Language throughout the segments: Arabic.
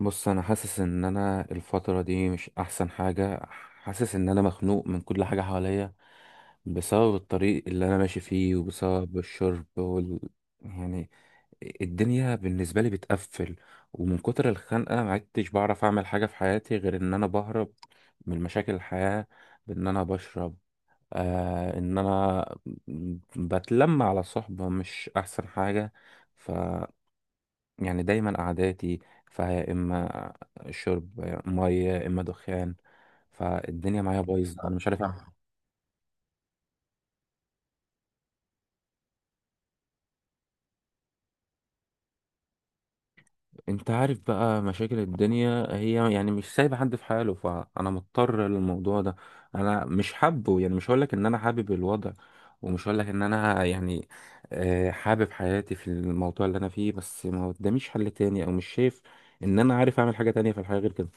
بص، انا حاسس ان انا الفتره دي مش احسن حاجه. حاسس ان انا مخنوق من كل حاجه حواليا. بسبب الطريق اللي انا ماشي فيه وبسبب الشرب يعني الدنيا بالنسبه لي بتقفل. ومن كتر الخنقه ما عدتش بعرف اعمل حاجه في حياتي غير ان انا بهرب من مشاكل الحياه بان انا بشرب. ان انا بتلم على صحبه مش احسن حاجه. يعني دايما قعداتي فيا إما شرب مية يا إما دخان. فالدنيا معايا بايظة، أنا مش عارف، فاهم؟ أنت عارف بقى مشاكل الدنيا هي يعني مش سايبة حد في حاله، فأنا مضطر للموضوع ده. أنا مش حابه، يعني مش هقولك إن أنا حابب الوضع، ومش هقولك إن أنا يعني حابب حياتي في الموضوع اللي أنا فيه، بس ما قداميش حل تاني أو مش شايف إن أنا عارف أعمل حاجة تانية في الحياة غير كده.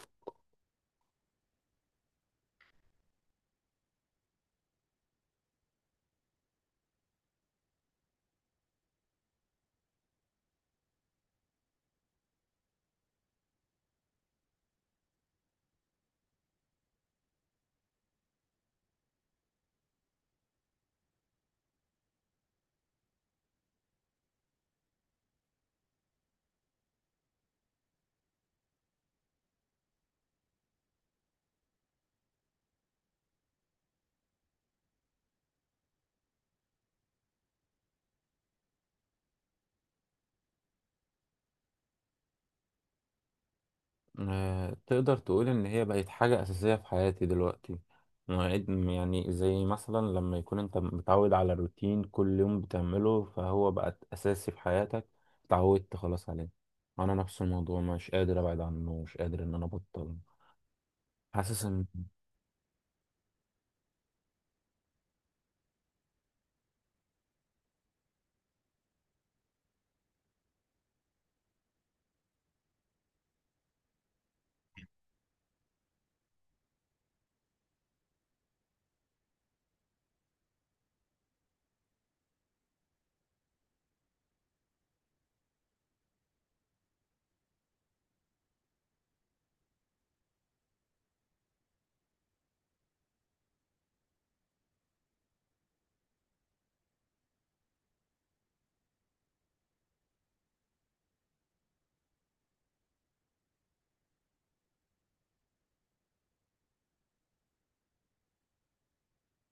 تقدر تقول إن هي بقت حاجة أساسية في حياتي دلوقتي. مواعيد يعني زي مثلا لما يكون أنت متعود على الروتين كل يوم بتعمله، فهو بقت أساسي في حياتك. اتعودت خلاص عليه. أنا نفس الموضوع، مش قادر أبعد عنه، مش قادر إن أنا أبطل. حاسس إن...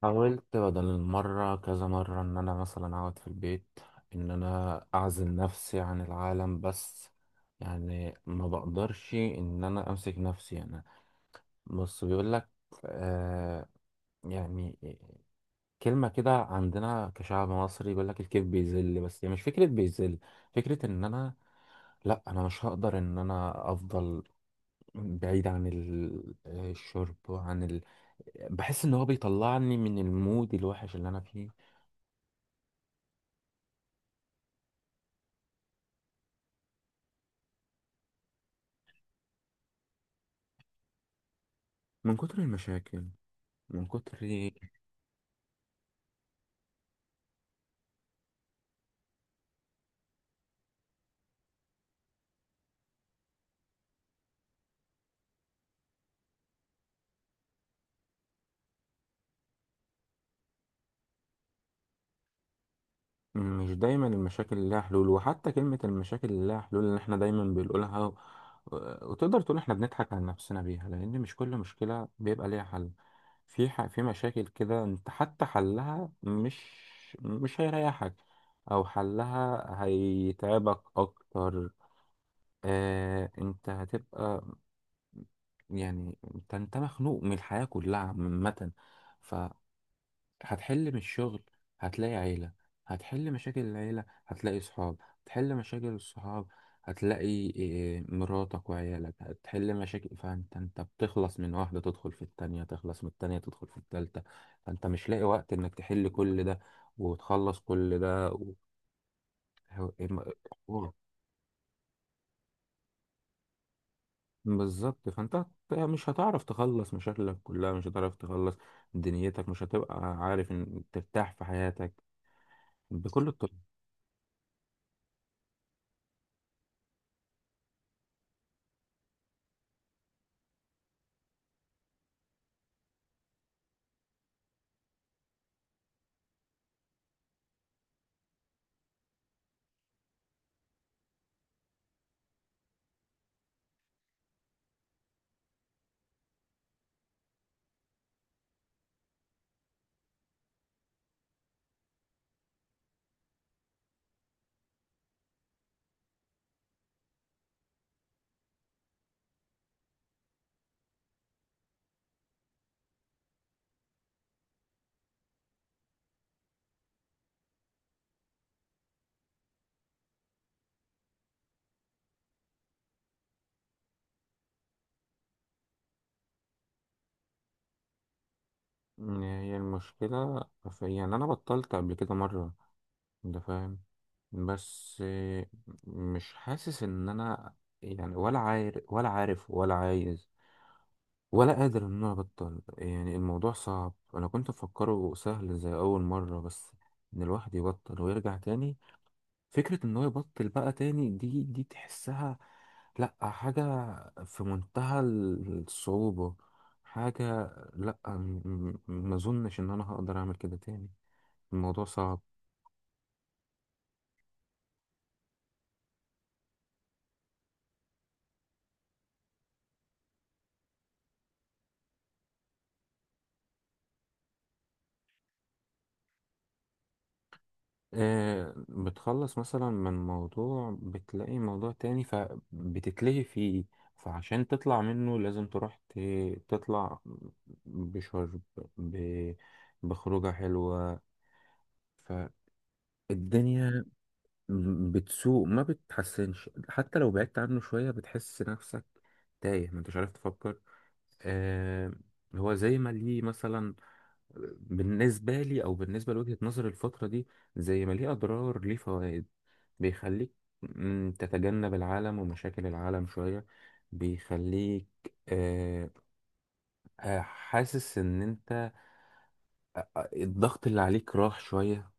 حاولت بدل المرة كذا مرة إن أنا مثلا أقعد في البيت، إن أنا أعزل نفسي عن العالم، بس يعني ما بقدرش إن أنا أمسك نفسي أنا. بص، بيقول لك آه يعني كلمة كده عندنا كشعب مصري، بيقول لك الكيف بيذل، بس يعني مش فكرة بيذل، فكرة ان انا... لا، انا مش هقدر ان انا افضل بعيد عن الشرب بحس ان هو بيطلعني من المود الوحش اللي انا فيه. من كتر المشاكل، من كتر مش دايما المشاكل اللي لها حلول. وحتى كلمة المشاكل اللي لها حلول اللي احنا دايما بنقولها وتقدر تقول احنا بنضحك على نفسنا بيها، لأن مش كل مشكلة بيبقى ليها حل. في مشاكل كده انت حتى حلها مش هيريحك، أو حلها هيتعبك أكتر. انت هتبقى، يعني انت مخنوق من الحياة كلها عامة. هتحل من الشغل، هتلاقي عيلة هتحل مشاكل العيلة، هتلاقي صحاب هتحل مشاكل الصحاب، هتلاقي إيه، مراتك وعيالك هتحل مشاكل، فانت بتخلص من واحدة تدخل في التانية، تخلص من التانية تدخل في التالتة، فانت مش لاقي وقت انك تحل كل ده وتخلص كل ده و- بالظبط. فانت مش هتعرف تخلص مشاكلك كلها، مش هتعرف تخلص دنيتك، مش هتبقى عارف ان ترتاح في حياتك بكل الطرق. هي المشكلة في، يعني أنا بطلت قبل كده مرة، أنت فاهم. بس مش حاسس إن أنا يعني، ولا عارف ولا عايز ولا قادر إن أنا أبطل. يعني الموضوع صعب، أنا كنت مفكره سهل زي أول مرة، بس إن الواحد يبطل ويرجع تاني، فكرة ان هو يبطل بقى تاني دي تحسها لا حاجة في منتهى الصعوبة، حاجة لا. ما اظنش ان انا هقدر اعمل كده تاني، الموضوع صعب. بتخلص مثلا من موضوع بتلاقي موضوع تاني فبتتلهي فيه، فعشان تطلع منه لازم تروح تطلع بشرب، ب- بخروجة حلوة. فالدنيا بتسوق ما بتحسنش. حتى لو بعدت عنه شوية بتحس نفسك تايه، ما انتش عارف تفكر. آه هو زي ما ليه مثلا، بالنسبة لي أو بالنسبة لوجهة نظري الفترة دي، زي ما ليه أضرار ليه فوائد. بيخليك تتجنب العالم ومشاكل العالم شوية، بيخليك آه حاسس إن أنت الضغط اللي عليك راح شوية.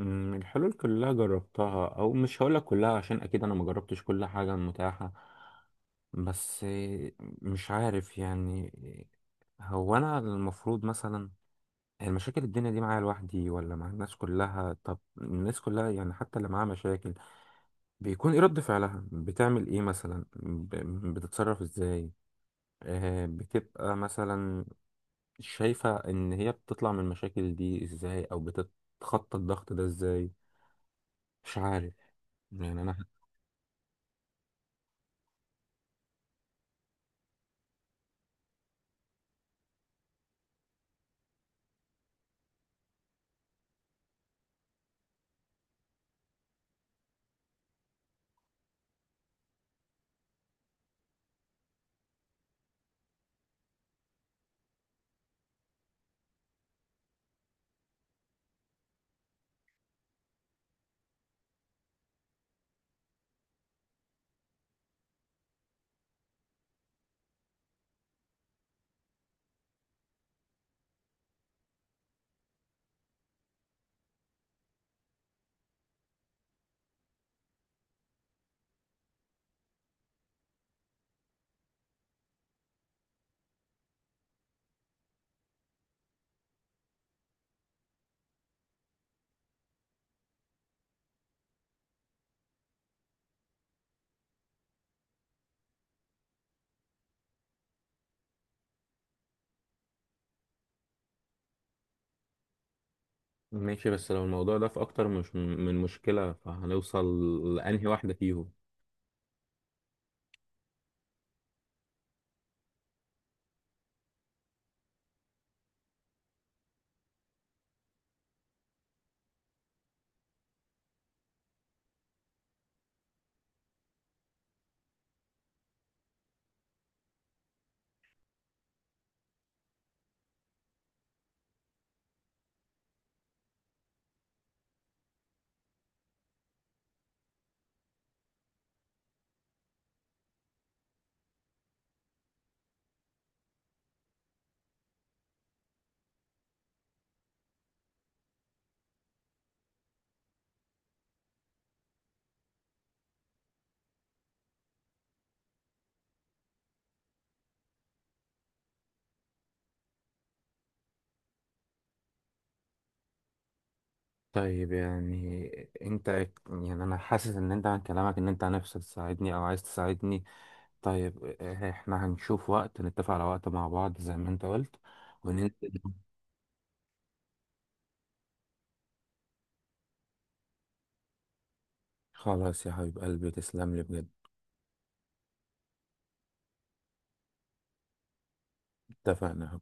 الحلول كلها جربتها، او مش هقولك كلها عشان اكيد انا ما جربتش كل حاجة متاحة. بس مش عارف يعني. هو انا المفروض مثلا المشاكل الدنيا دي معايا لوحدي ولا مع الناس كلها؟ طب الناس كلها يعني حتى اللي معاها مشاكل، بيكون ايه رد فعلها؟ بتعمل ايه مثلا، بتتصرف ازاي؟ بتبقى مثلا شايفة ان هي بتطلع من المشاكل دي ازاي، او بتتخطى الضغط ده ازاي؟ مش عارف يعني انا. ماشي، بس لو الموضوع ده في أكتر مش من مشكلة، فهنوصل لأنهي واحدة فيهم؟ طيب يعني انت، يعني انا حاسس ان انت عن كلامك ان انت نفسك تساعدني او عايز تساعدني. طيب احنا هنشوف وقت، نتفق على وقت مع بعض زي ما انت قلت وننزل. خلاص يا حبيب قلبي، تسلم لي بجد. اتفقنا.